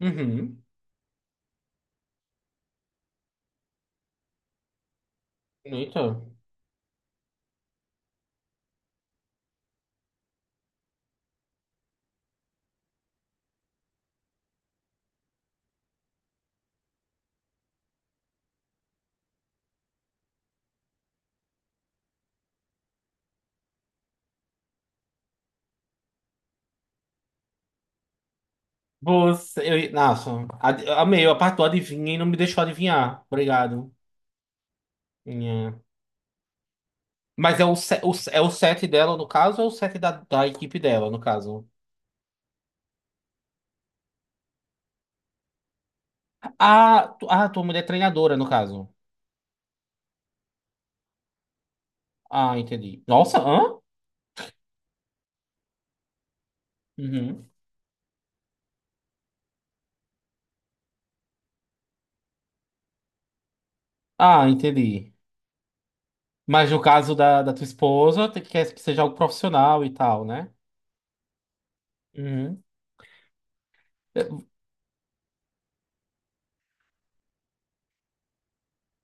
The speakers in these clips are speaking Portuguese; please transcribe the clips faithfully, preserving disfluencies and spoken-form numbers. Uhum. Eita. Boas, eu, nossa, ad- eu amei a parte do adivinha e não me deixou adivinhar. Obrigado. Minha- Mas é o, se- o se- é o set dela, no caso, ou é o set da, da equipe dela, no caso? Ah, tu- ah, tua mulher é treinadora, no caso. Ah, entendi. Nossa, hã? Uhum. Ah, entendi. Mas no caso da, da tua esposa, tu quer que seja algo profissional e tal, né? Uhum.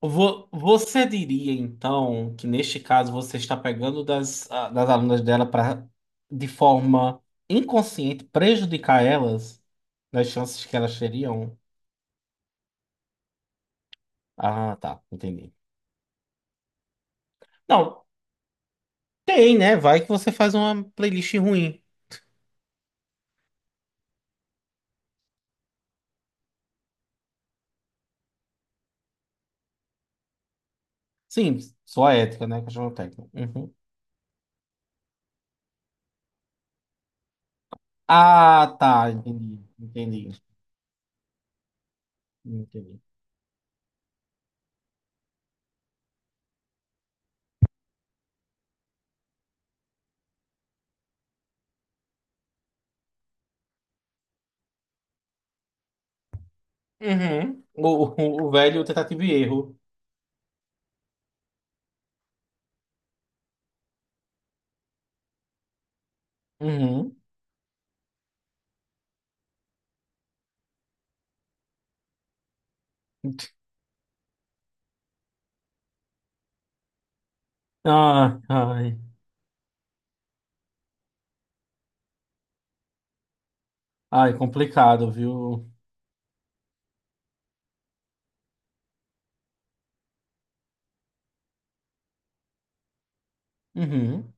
Vo- Você diria, então, que neste caso você está pegando das, ah, das alunas dela para, de forma inconsciente, prejudicar elas nas chances que elas teriam? Ah, tá, entendi. Não, tem, né? Vai que você faz uma playlist ruim. Sim, sua ética, né? Questão técnica. Uhum. Ah, tá, entendi, entendi, entendi. Uhum. O, o, o velho tentativa e erro. Uhum. Ah, ai, ai, complicado, viu? Uhum.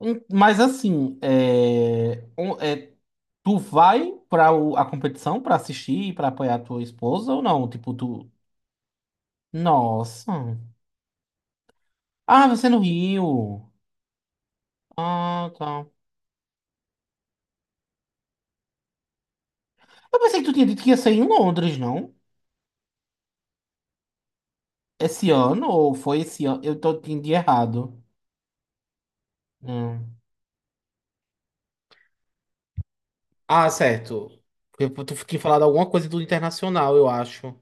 Um- Mas assim, é, um- é, tu vai para a competição para assistir, para apoiar tua esposa ou não? Tipo, tu. Nossa. Ah, você é no Rio. Ah, tá. Eu pensei que tu tinha dito que ia ser em Londres, não? Esse ano ou foi esse ano? Eu tô entendi errado. Hum. Ah, certo. Eu, tu tinha falado alguma coisa do internacional, eu acho.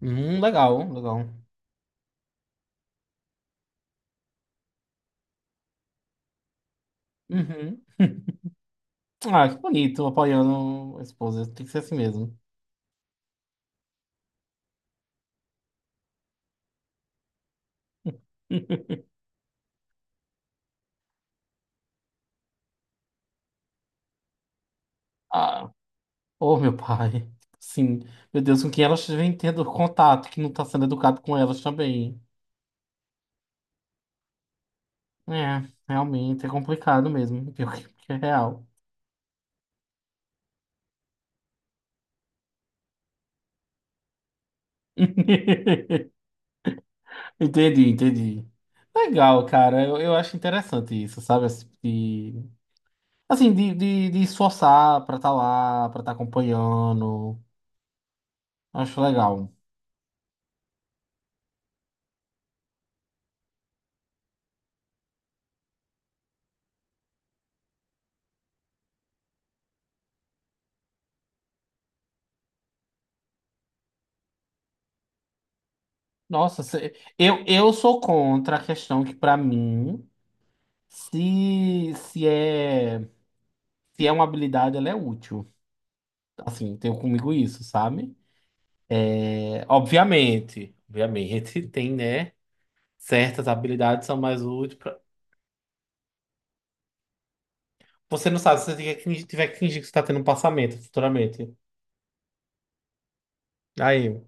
Hum, legal, legal. Uhum. Ah, que bonito, apoiando a esposa. Tem que ser assim mesmo. Ah, oh, meu pai. Sim. Meu Deus, com quem elas vêm tendo contato, que não tá sendo educado com elas também. É, realmente é complicado mesmo. Pior que que é real. Entendi, entendi. Legal, cara. Eu, eu acho interessante isso, sabe? Esse tipo de, assim, de, de, de esforçar pra estar lá, pra estar acompanhando. Acho legal. Nossa, cê- eu, eu sou contra a questão que, pra mim, se, se é. se é uma habilidade, ela é útil. Assim, tenho comigo isso, sabe? É, obviamente, obviamente, tem, né? Certas habilidades são mais úteis pra... Você não sabe se você tiver que fingir tiver que fingir que você tá tendo um passamento futuramente. Aí,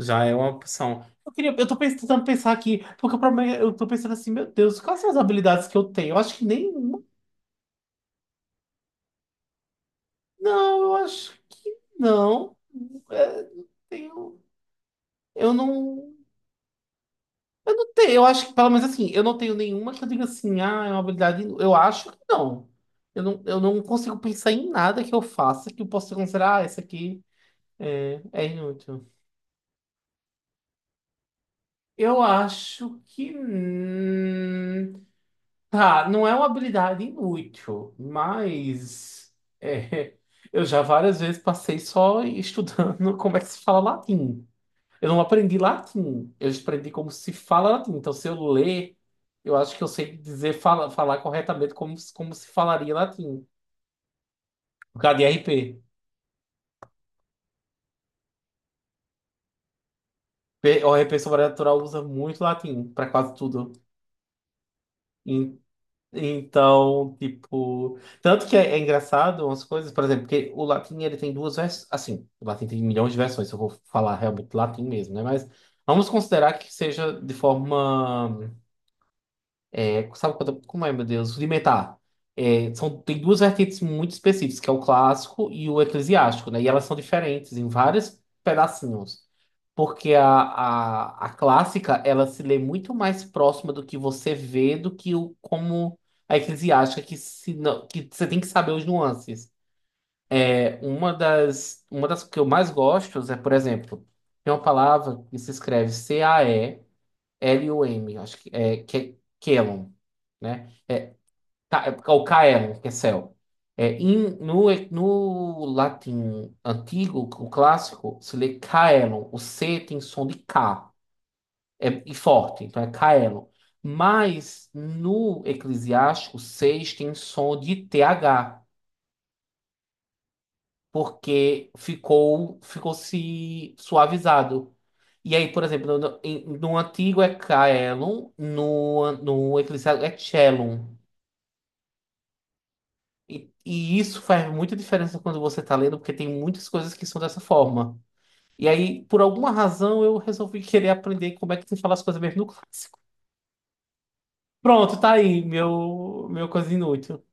já é uma opção. Eu queria, eu tô pens- tentando pensar aqui, porque o problema é, eu tô pensando assim, meu Deus, quais são as habilidades que eu tenho? Eu acho que nenhuma. Não, eu acho que não. É, tenho, eu não. Eu não tenho, eu acho que, pelo menos assim, eu não tenho nenhuma que eu diga assim, ah, é uma habilidade. Eu acho que não. Eu não, eu não consigo pensar em nada que eu faça que eu possa considerar, ah, essa aqui é, é inútil. Eu acho que. Hum, Tá, não é uma habilidade inútil, mas. É, eu já várias vezes passei só estudando como é que se fala latim. Eu não aprendi latim, eu aprendi como se fala latim. Então, se eu ler, eu acho que eu sei dizer, fala, falar corretamente como, se- como se falaria latim. Por causa de R P. P- P- O R P Sobrenatural usa muito latim para quase tudo. En- Então, tipo. Tanto que é, é engraçado umas coisas, por exemplo, porque o latim ele tem duas versões. Assim, o latim tem milhões de versões, se eu vou falar realmente latim mesmo, né? Mas vamos considerar que seja de forma. É, sabe quando, como é, meu Deus? Rudimentar. É, são, tem duas vertentes muito específicas, que é o clássico e o eclesiástico, né? E elas são diferentes em vários pedacinhos. Porque a, a, a clássica, ela se lê muito mais próxima do que você vê do que o, como a eclesiástica, que, se, não- que você tem que saber os nuances. É, uma das, uma das que eu mais gosto é, por exemplo, tem uma palavra que se escreve C-A-E-L-U-M, acho que é, que é Kelon, né? Ca- O K R, que é céu. É, em- no, no latim antigo, o clássico, se lê caelum. O C tem som de K, é, e forte, então é caelum. Mas no Eclesiástico, seis tem som de T H, porque ficou, ficou se suavizado. E aí, por exemplo, no, no, em- no antigo é caelum, no, no Eclesiástico é cellum. E, e isso faz muita diferença quando você está lendo, porque tem muitas coisas que são dessa forma. E aí, por alguma razão, eu resolvi querer aprender como é que se fala as coisas mesmo no clássico. Pronto, tá aí, meu, meu coisa inútil.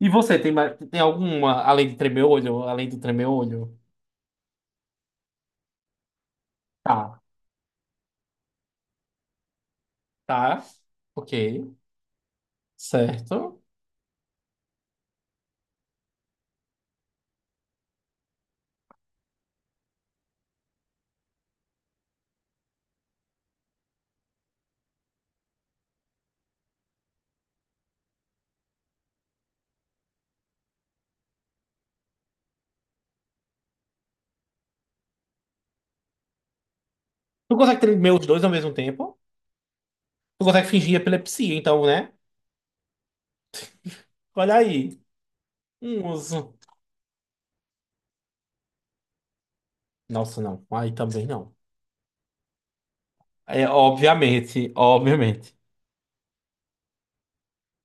E você, tem, mais- tem alguma, além de tremer o olho, além do tremer o olho? Tá, tá, ok, certo. Tu consegue tremer os dois ao mesmo tempo? Tu consegue fingir epilepsia, então, né? Olha aí, um uso. Nossa, não, aí também não. É, obviamente, obviamente.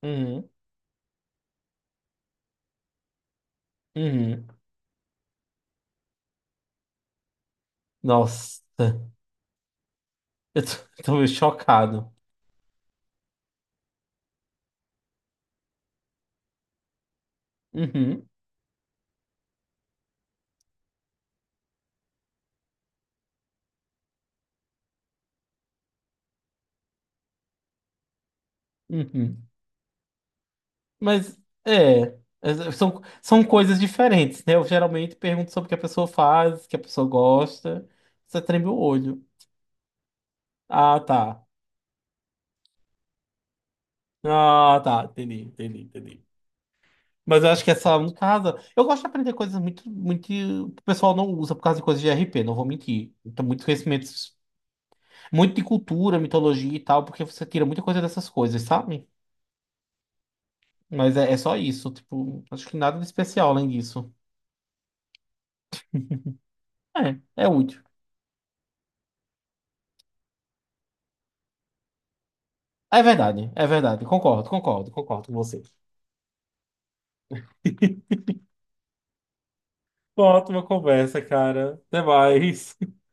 Uhum. Uhum. Nossa, eu tô, tô meio chocado. Uhum, uhum. Mas é, é, são, são coisas diferentes, né? Eu geralmente pergunto sobre o que a pessoa faz, o que a pessoa gosta. Você treme o olho. Ah, tá. Ah, tá. Entendi, entendi, entendi. Mas eu acho que essa, no caso, eu gosto de aprender coisas muito, muito que o pessoal não usa por causa de coisas de R P não vou mentir. Então, muito conhecimento, muito de cultura, mitologia e tal, porque você tira muita coisa dessas coisas, sabe? Mas é, é só isso, tipo, acho que nada de especial além disso. É, é útil. É verdade, é verdade. Concordo, concordo, concordo com você. Uma ótima conversa, cara. Até mais.